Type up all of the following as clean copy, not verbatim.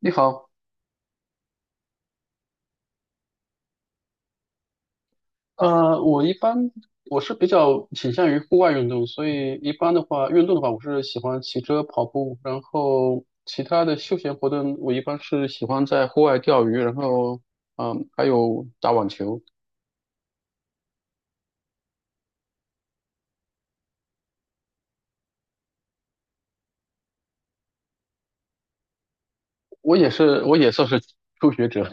你好，呃，我一般我是比较倾向于户外运动，所以一般的话，运动的话，我是喜欢骑车、跑步，然后其他的休闲活动，我一般是喜欢在户外钓鱼，然后还有打网球。我也算是 初学者。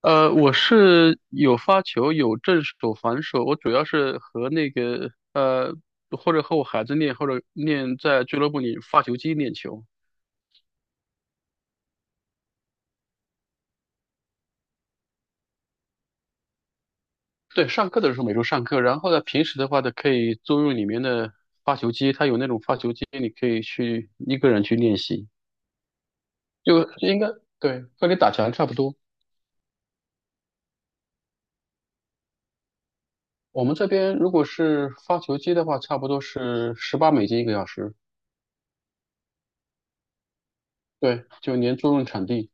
我是有发球，有正手、反手，我主要是和或者和我孩子练，或者练在俱乐部里发球机练球。对，上课的时候每周上课，然后呢，平时的话呢，可以租用里面的发球机，它有那种发球机，你可以去一个人去练习，就应该对，和你打拳差不多。我们这边如果是发球机的话，差不多是18美金一个小时，对，就连租用场地，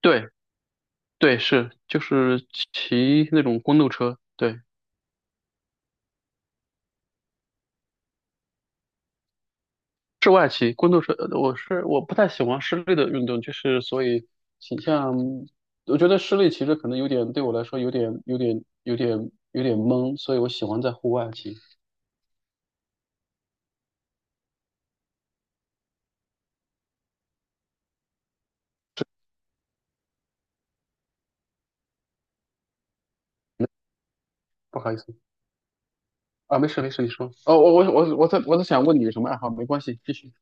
对对是，就是骑那种公路车，对。室外骑工作是，我不太喜欢室内的运动，就是所以倾向，我觉得室内骑着可能有点对我来说有点懵，所以我喜欢在户外骑。不好意思啊，没事没事，你说。哦，我在想问你有什么爱好，没关系，继续。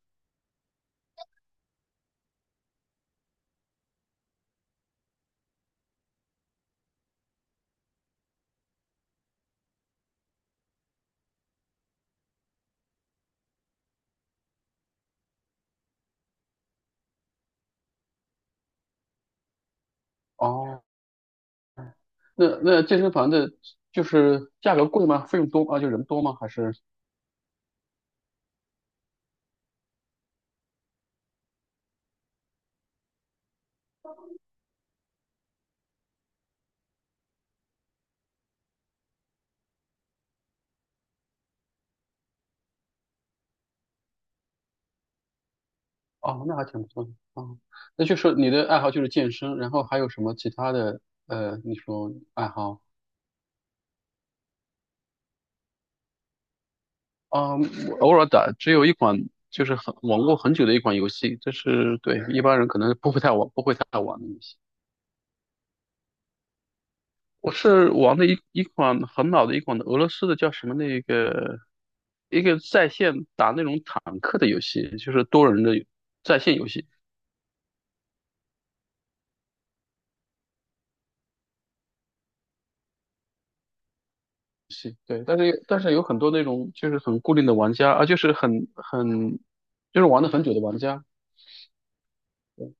哦，那健身房的就是价格贵吗？费用多啊？就人多吗？还是哦，那还挺不错的哦。那就是你的爱好就是健身，然后还有什么其他的？呃，你说爱好？啊，我偶尔打，只有一款就是很玩过很久的一款游戏，这是对一般人可能不会太玩，不会太玩的游戏。我是玩的一款很老的一款的俄罗斯的叫什么那个一个在线打那种坦克的游戏，就是多人的在线游戏。是，对，但是有很多那种就是很固定的玩家啊，就是很很就是玩了很久的玩家。对，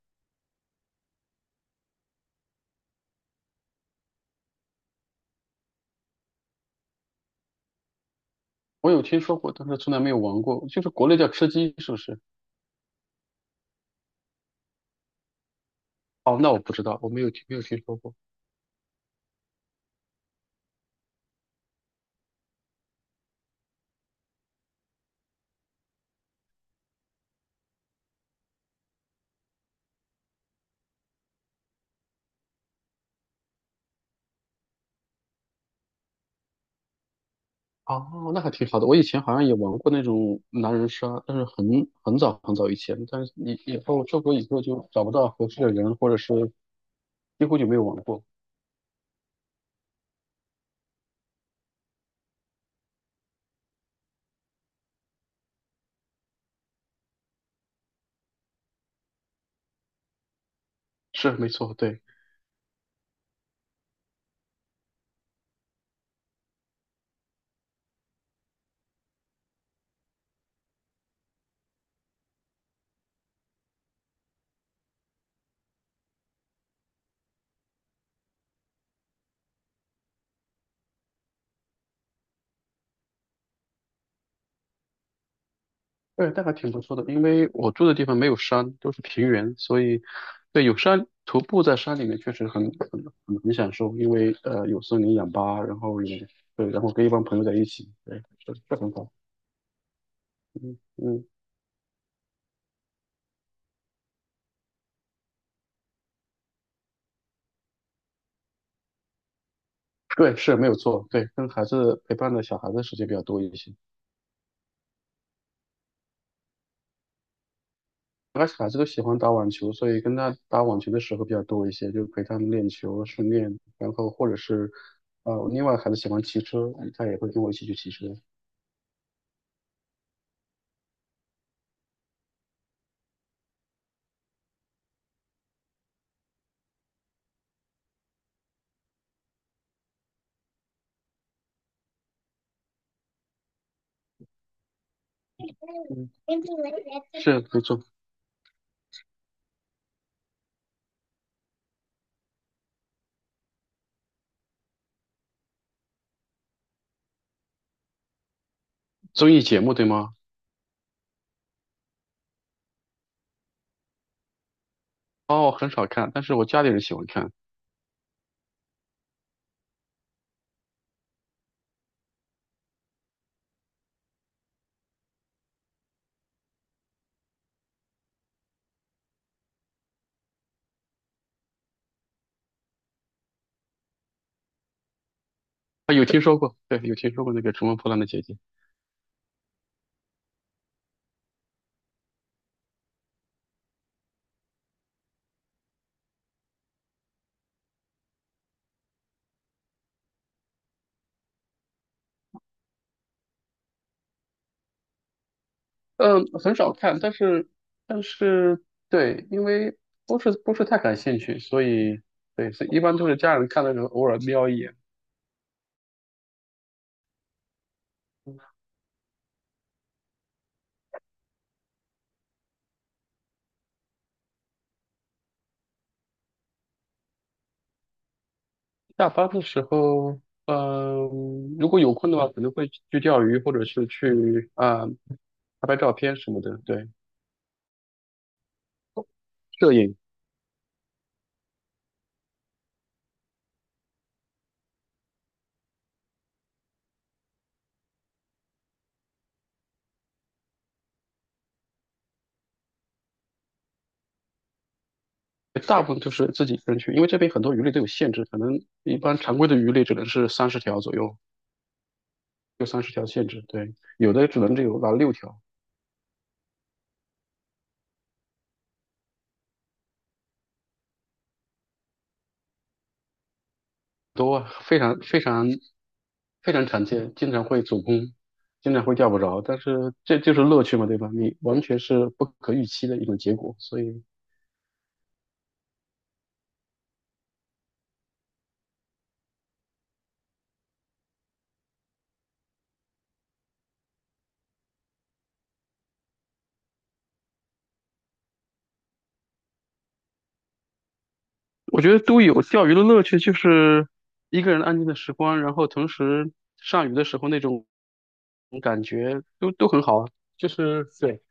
我有听说过，但是从来没有玩过。就是国内叫吃鸡，是不是？哦，那我不知道，我没有听说过。哦，那还挺好的。我以前好像也玩过那种狼人杀，但是很很早很早以前，但是以后出国以后就找不到合适的人，或者是几乎就没有玩过。是，没错，对，对，那还挺不错的。因为我住的地方没有山，都是平原，所以对有山徒步在山里面确实很享受，因为呃有森林氧吧，然后也对，然后跟一帮朋友在一起，对，这这很好。嗯，对，是没有错，对，跟孩子陪伴的小孩子时间比较多一些。而且孩子都喜欢打网球，所以跟他打网球的时候比较多一些，就陪他们练球，训练，然后或者是，呃，另外孩子喜欢骑车，他也会跟我一起去骑车。嗯，是没错，综艺节目对吗？哦，很少看，但是我家里人喜欢看。啊，有听说过，对，有听说过那个《乘风破浪的姐姐》。嗯，很少看，但是,对，因为不是太感兴趣，所以对，所以一般都是家人看的时候偶尔瞄一眼。下班的时候，嗯、如果有空的话，可能会去钓鱼，或者是去啊、拍拍照片什么的。对，摄影大部分就是自己一个人去，因为这边很多鱼类都有限制，可能一般常规的鱼类只能是三十条左右，就三十条限制。对，有的只有拿6条，多啊非常非常非常常见，经常会走空，经常会钓不着。但是这就是乐趣嘛，对吧？你完全是不可预期的一种结果，所以。我觉得都有钓鱼的乐趣，就是一个人安静的时光，然后同时上鱼的时候那种感觉都很好啊。就是对，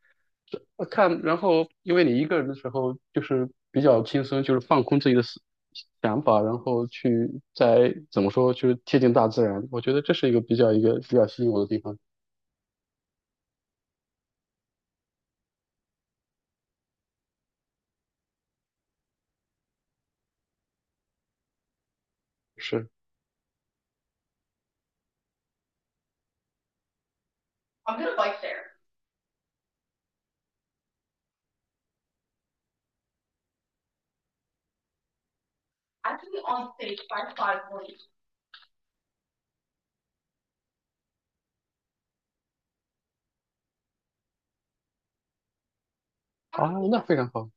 看，然后因为你一个人的时候就是比较轻松，就是放空自己的思想法，然后去再怎么说，就是贴近大自然。我觉得这是一个比较吸引我的地方。是，哦，那非常好。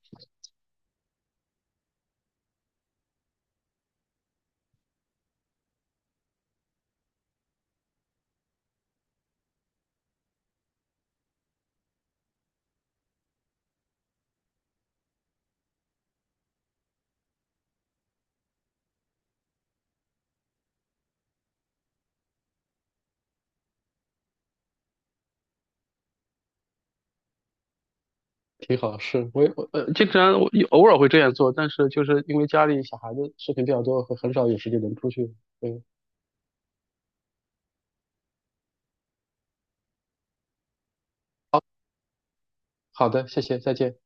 挺好，是我也我呃，经常我偶尔会这样做，但是就是因为家里小孩子事情比较多，很少有时间能出去。嗯，好的，谢谢，再见。